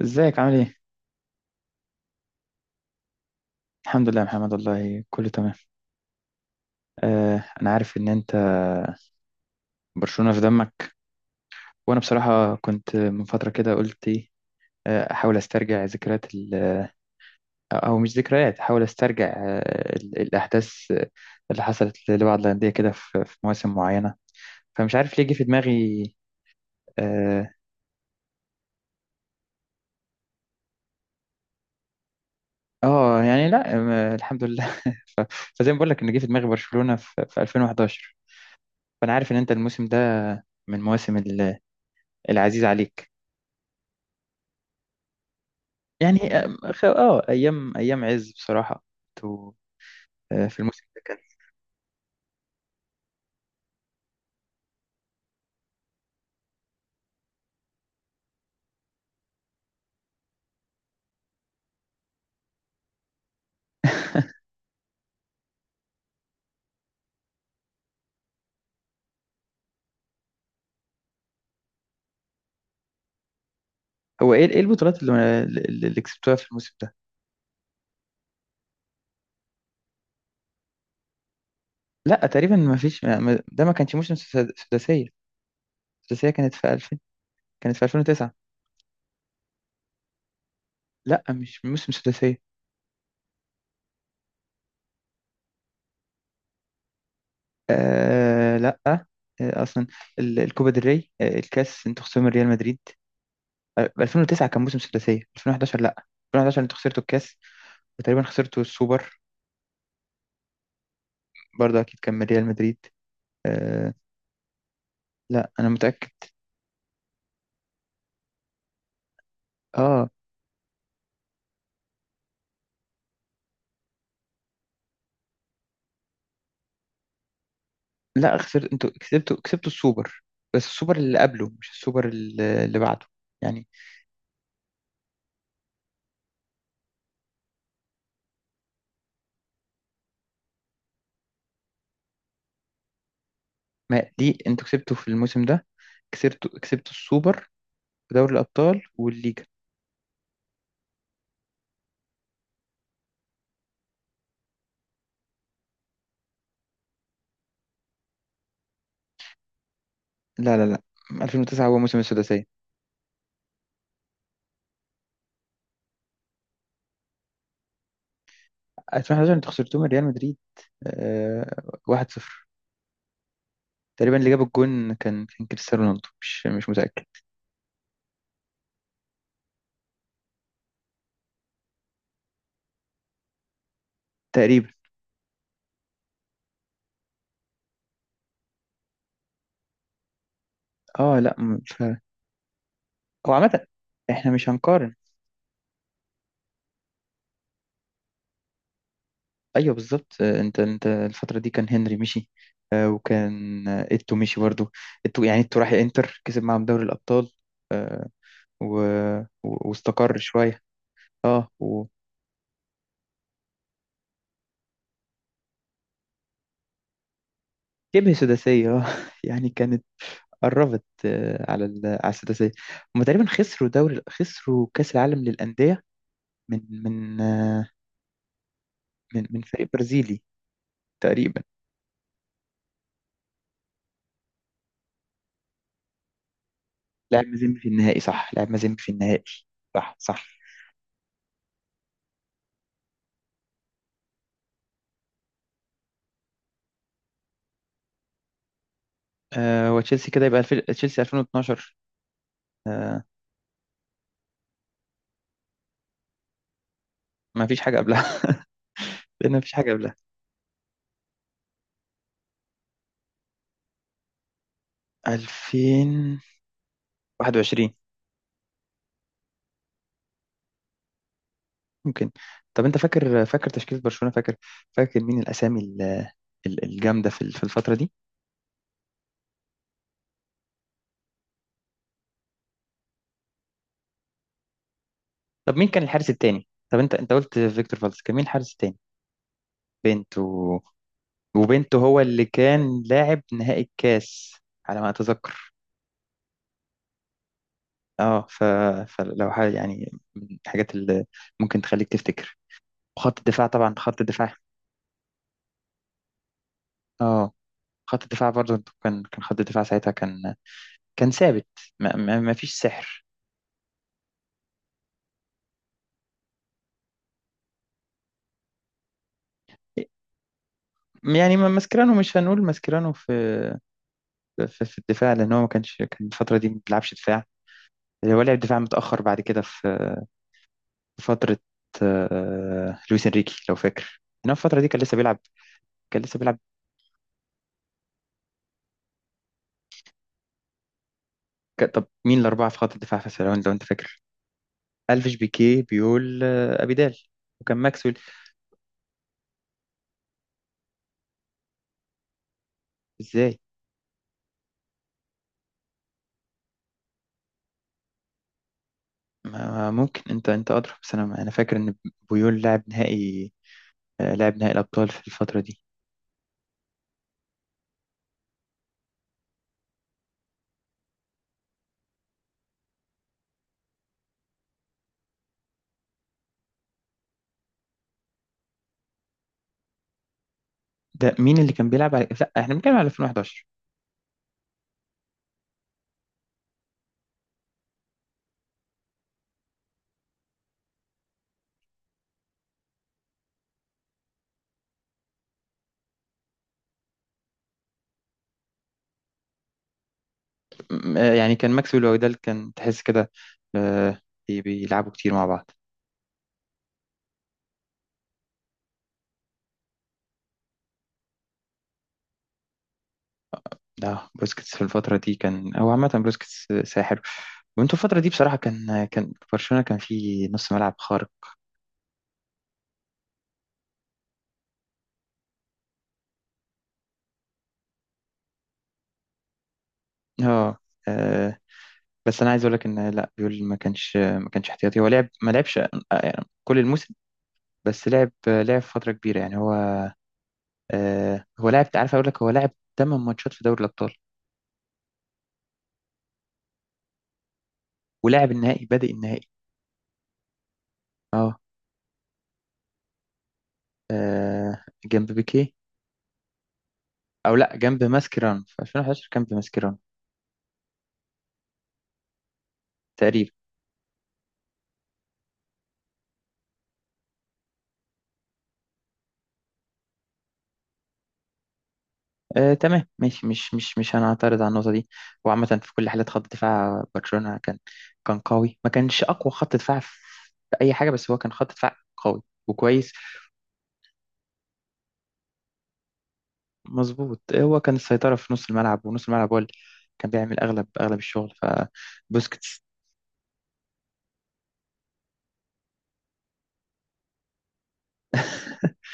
ازيك عامل ايه؟ الحمد لله يا محمد، والله كله تمام. انا عارف ان انت برشلونة في دمك، وانا بصراحة كنت من فترة كده قلت ايه. احاول استرجع ذكريات او مش ذكريات، احاول استرجع الاحداث اللي حصلت لبعض الاندية كده في مواسم معينة. فمش عارف ليه جه في دماغي. اه. يعني لا. الحمد لله. فزي ما بقول لك ان جه في دماغي برشلونة في 2011. فانا عارف ان انت الموسم ده من مواسم العزيز عليك. يعني ايام، ايام عز بصراحة. تو- في الموسم ده كان، هو ايه، ايه البطولات اللي كسبتوها في الموسم ده؟ لا تقريبا ما فيش. ده ما كانش موسم سداسية. السداسية كانت في 2000، كانت في 2009. لا مش موسم سداسية. آه لا آه اصلا الكوبا del ري، الكاس، انتوا خسرتوا من ريال مدريد. 2009 كان موسم سداسية، 2011 لا. 2011 انتوا خسرتوا الكاس، وتقريبا خسرتوا السوبر، برضه اكيد كان من ريال مدريد. آه. لا انا متأكد. اه لا خسرت، انتوا كسبتوا السوبر، بس السوبر اللي قبله مش السوبر اللي بعده، يعني. ما دي انتوا كسبتوا في الموسم ده، كسبتوا السوبر ودوري الابطال والليجا. لا، 2009 هو موسم السداسيه، 2011 انتوا خسرتوه من ريال مدريد آه 1-0. تقريبا اللي جاب الجون كان كريستيانو رونالدو، مش متاكد. تقريبا. اه لا. هو عامه احنا مش هنقارن. ايوه بالظبط. انت الفتره دي كان هنري مشي، وكان ايتو مشي برضه. ايتو، يعني ايتو راح انتر، كسب معاهم دوري الابطال، آه، و... واستقر شويه. اه وجبهه. سداسيه. اه. يعني كانت قربت على السداسيه. هم تقريبا خسروا دوري، خسروا كاس العالم للانديه من من آه، من فريق برازيلي تقريبا. لعب مازيمبي في النهائي، صح لعب مازيمبي في النهائي. صح صح. آه، وتشيلسي كده يبقى تشيلسي 2012. ما فيش حاجة قبلها. لأن ما فيش حاجة قبلها. 2021. ممكن. طب أنت فاكر، فاكر تشكيلة برشلونة؟ فاكر، فاكر مين الأسامي الجامدة في في الفترة دي؟ طب مين كان الحارس التاني؟ طب أنت قلت فيكتور فالدز، كان مين الحارس التاني؟ بنت و... وبنت هو اللي كان لاعب نهائي الكاس على ما أتذكر. أه ف... فلو حاجة يعني من الحاجات اللي ممكن تخليك تفتكر. وخط الدفاع، طبعا خط الدفاع. أه خط الدفاع برضه كان خط الدفاع ساعتها كان، كان ثابت. ما فيش سحر. يعني ماسكيرانو، مش هنقول ماسكيرانو في، في الدفاع، لان هو ما كانش، كان الفتره دي ما بيلعبش دفاع. هو لعب دفاع متاخر بعد كده في، في فتره. لويس انريكي لو فاكر، انما في الفتره دي كان لسه بيلعب، كان لسه بيلعب. طب مين الاربعه في خط الدفاع، في لو انت، فاكر؟ الفيش، بيكي، بيقول ابيدال، وكان ماكسويل. ازاي؟ ما ممكن انت، ادرى، بس انا، فاكر ان بيول لعب نهائي، لعب نهائي الابطال في الفتره دي. ده مين اللي كان بيلعب على، لا احنا بنتكلم على 2011. يعني كان ماكسويل وأودال، كان تحس كده آه، بيلعبوا كتير مع بعض. ده بوسكيتس في الفترة دي كان هو، عامة بوسكيتس ساحر، وانتوا الفترة دي بصراحة كان، كان برشلونة كان فيه نص ملعب خارق. اه. آه، بس انا عايز اقول لك ان لا بيول، ما كانش احتياطي، هو لعب، ما لعبش يعني كل الموسم، بس لعب، لعب فترة كبيرة، يعني هو هو لاعب، عارف اقول لك، هو لاعب 8 ماتشات في دوري الابطال، ولاعب النهائي، بادئ النهائي. اه. آه جنب بيكي. او لا، جنب ماسكيران. في 2011 جنب ماسكيران. تقريبا. آه تمام ماشي، مش هنعترض على النقطه دي. وعامه في كل حالات، خط دفاع برشلونه كان، كان قوي. ما كانش اقوى خط دفاع في اي حاجه، بس هو كان خط دفاع قوي وكويس. مظبوط. هو كان السيطره في نص الملعب، ونص الملعب هو اللي كان بيعمل اغلب، اغلب الشغل، فبوسكيتس.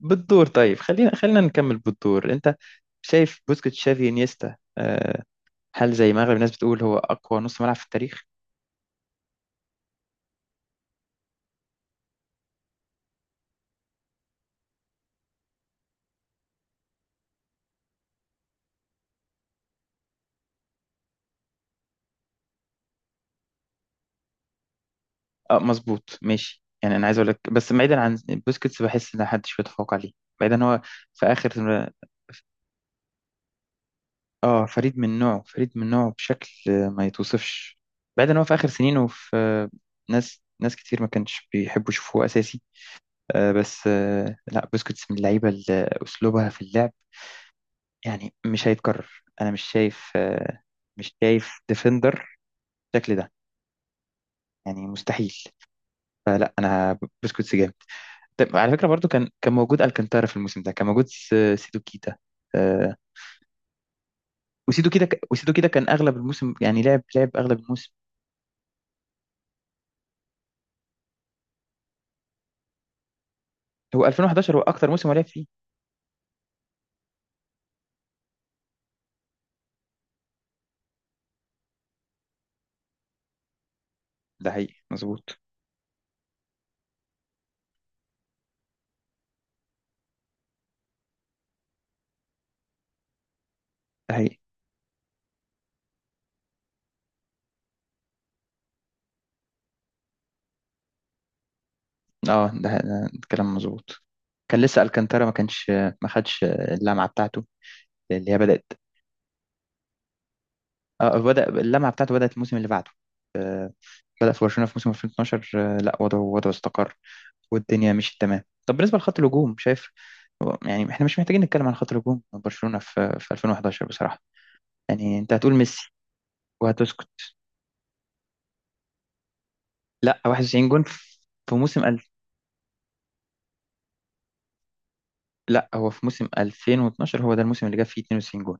بالدور. طيب خلينا نكمل بالدور. انت شايف بوسكيتس، شافي، انيستا، هل زي ما اغلب الناس بتقول هو اقوى نص ملعب في التاريخ؟ اه مظبوط ماشي. يعني انا عايز اقول لك، بس بعيدا عن بوسكيتس، بحس ان محدش بيتفوق عليه. بعيدا إن هو في اخر. اه فريد من نوعه، فريد من نوعه بشكل ما يتوصفش. بعيدا إن هو في اخر سنينه، في ناس كتير ما كانش بيحبوا يشوفوه اساسي. آه بس آه لا بوسكيتس من اللعيبه اللي اسلوبها في اللعب يعني مش هيتكرر. انا مش شايف، آه، مش شايف ديفندر بالشكل ده، يعني مستحيل. فلا انا بوسكيتس جامد. طب على فكرة برضو، كان موجود الكانتارا في الموسم ده، كان موجود سيدو كيتا. آه، وسيدو كيتا، وسيدو كيتا كان اغلب الموسم، يعني لعب، لعب اغلب الموسم. هو 2011 هو اكتر موسم هو لعب فيه. ده حقيقي مظبوط. ده حقيقي. اه ده كلام مظبوط. كان لسه الكانتارا ما كانش، ما خدش اللمعة بتاعته اللي هي بدأت. اه، بدأ اللمعة بتاعته، بدأت الموسم اللي بعده. آه، بدأ في برشلونة في موسم 2012. آه، لا وضعه، وضعه استقر، والدنيا مشيت تمام. طب بالنسبة لخط الهجوم، شايف هو، يعني احنا مش محتاجين نتكلم عن خط الهجوم برشلونة في 2011 بصراحة. يعني انت هتقول ميسي وهتسكت. لا، 91 جون في، في موسم ألف. لا هو في موسم 2012 هو ده الموسم اللي جاب فيه 92 جون.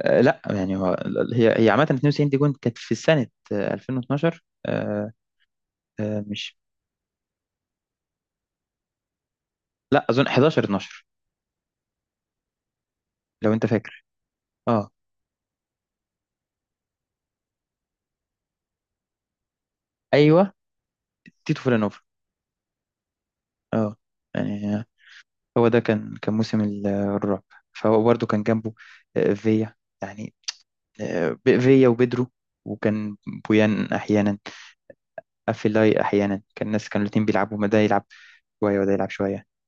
أه لا يعني هو، هي، هي عامة 92 دي جون كانت في سنة 2012. أه. أه مش، لا اظن 11 12، لو انت فاكر. اه ايوه، تيتو فيلانوفا. اه يعني هو ده كان، كان موسم الرعب. فهو برضه كان جنبه فيا، يعني فيا وبدرو، وكان بويان احيانا، افيلاي احيانا. كان الناس كانوا الاتنين بيلعبوا، ما ده يلعب شويه وده يلعب شويه.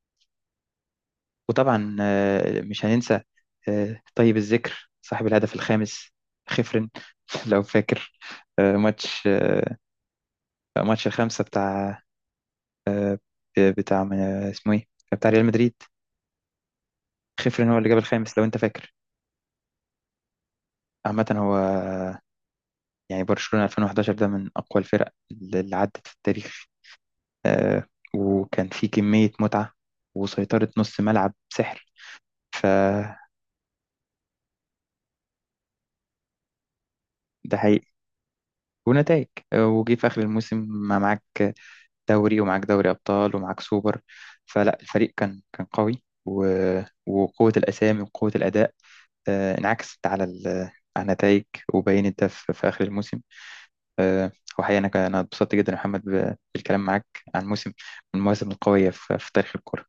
وطبعا مش هننسى طيب الذكر صاحب الهدف الخامس، خفرن. لو فاكر ماتش ماتش الخامسه بتاع آه، بتاع من- اسمه ايه، بتاع ريال مدريد. خفرن هو اللي جاب الخامس لو انت فاكر. عامه هو يعني برشلونه 2011 ده من اقوى الفرق اللي عدت في التاريخ. آه، وكان في كمية متعة وسيطرة نص ملعب سحر. فده حقيقي. ونتائج. وجي في آخر الموسم ما معاك دوري ومعاك دوري أبطال ومعاك سوبر. فلا الفريق كان، كان قوي، وقوة الأسامي وقوة الأداء انعكست على على النتائج. وبينت ده في، في آخر الموسم. آه، وحقيقة أنا، أنا اتبسطت جدا يا محمد، بالكلام معاك عن موسم، من المواسم القوية في تاريخ الكرة.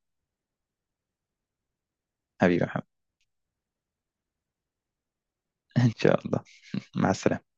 حبيبي يا محمد. إن شاء الله. مع السلامة.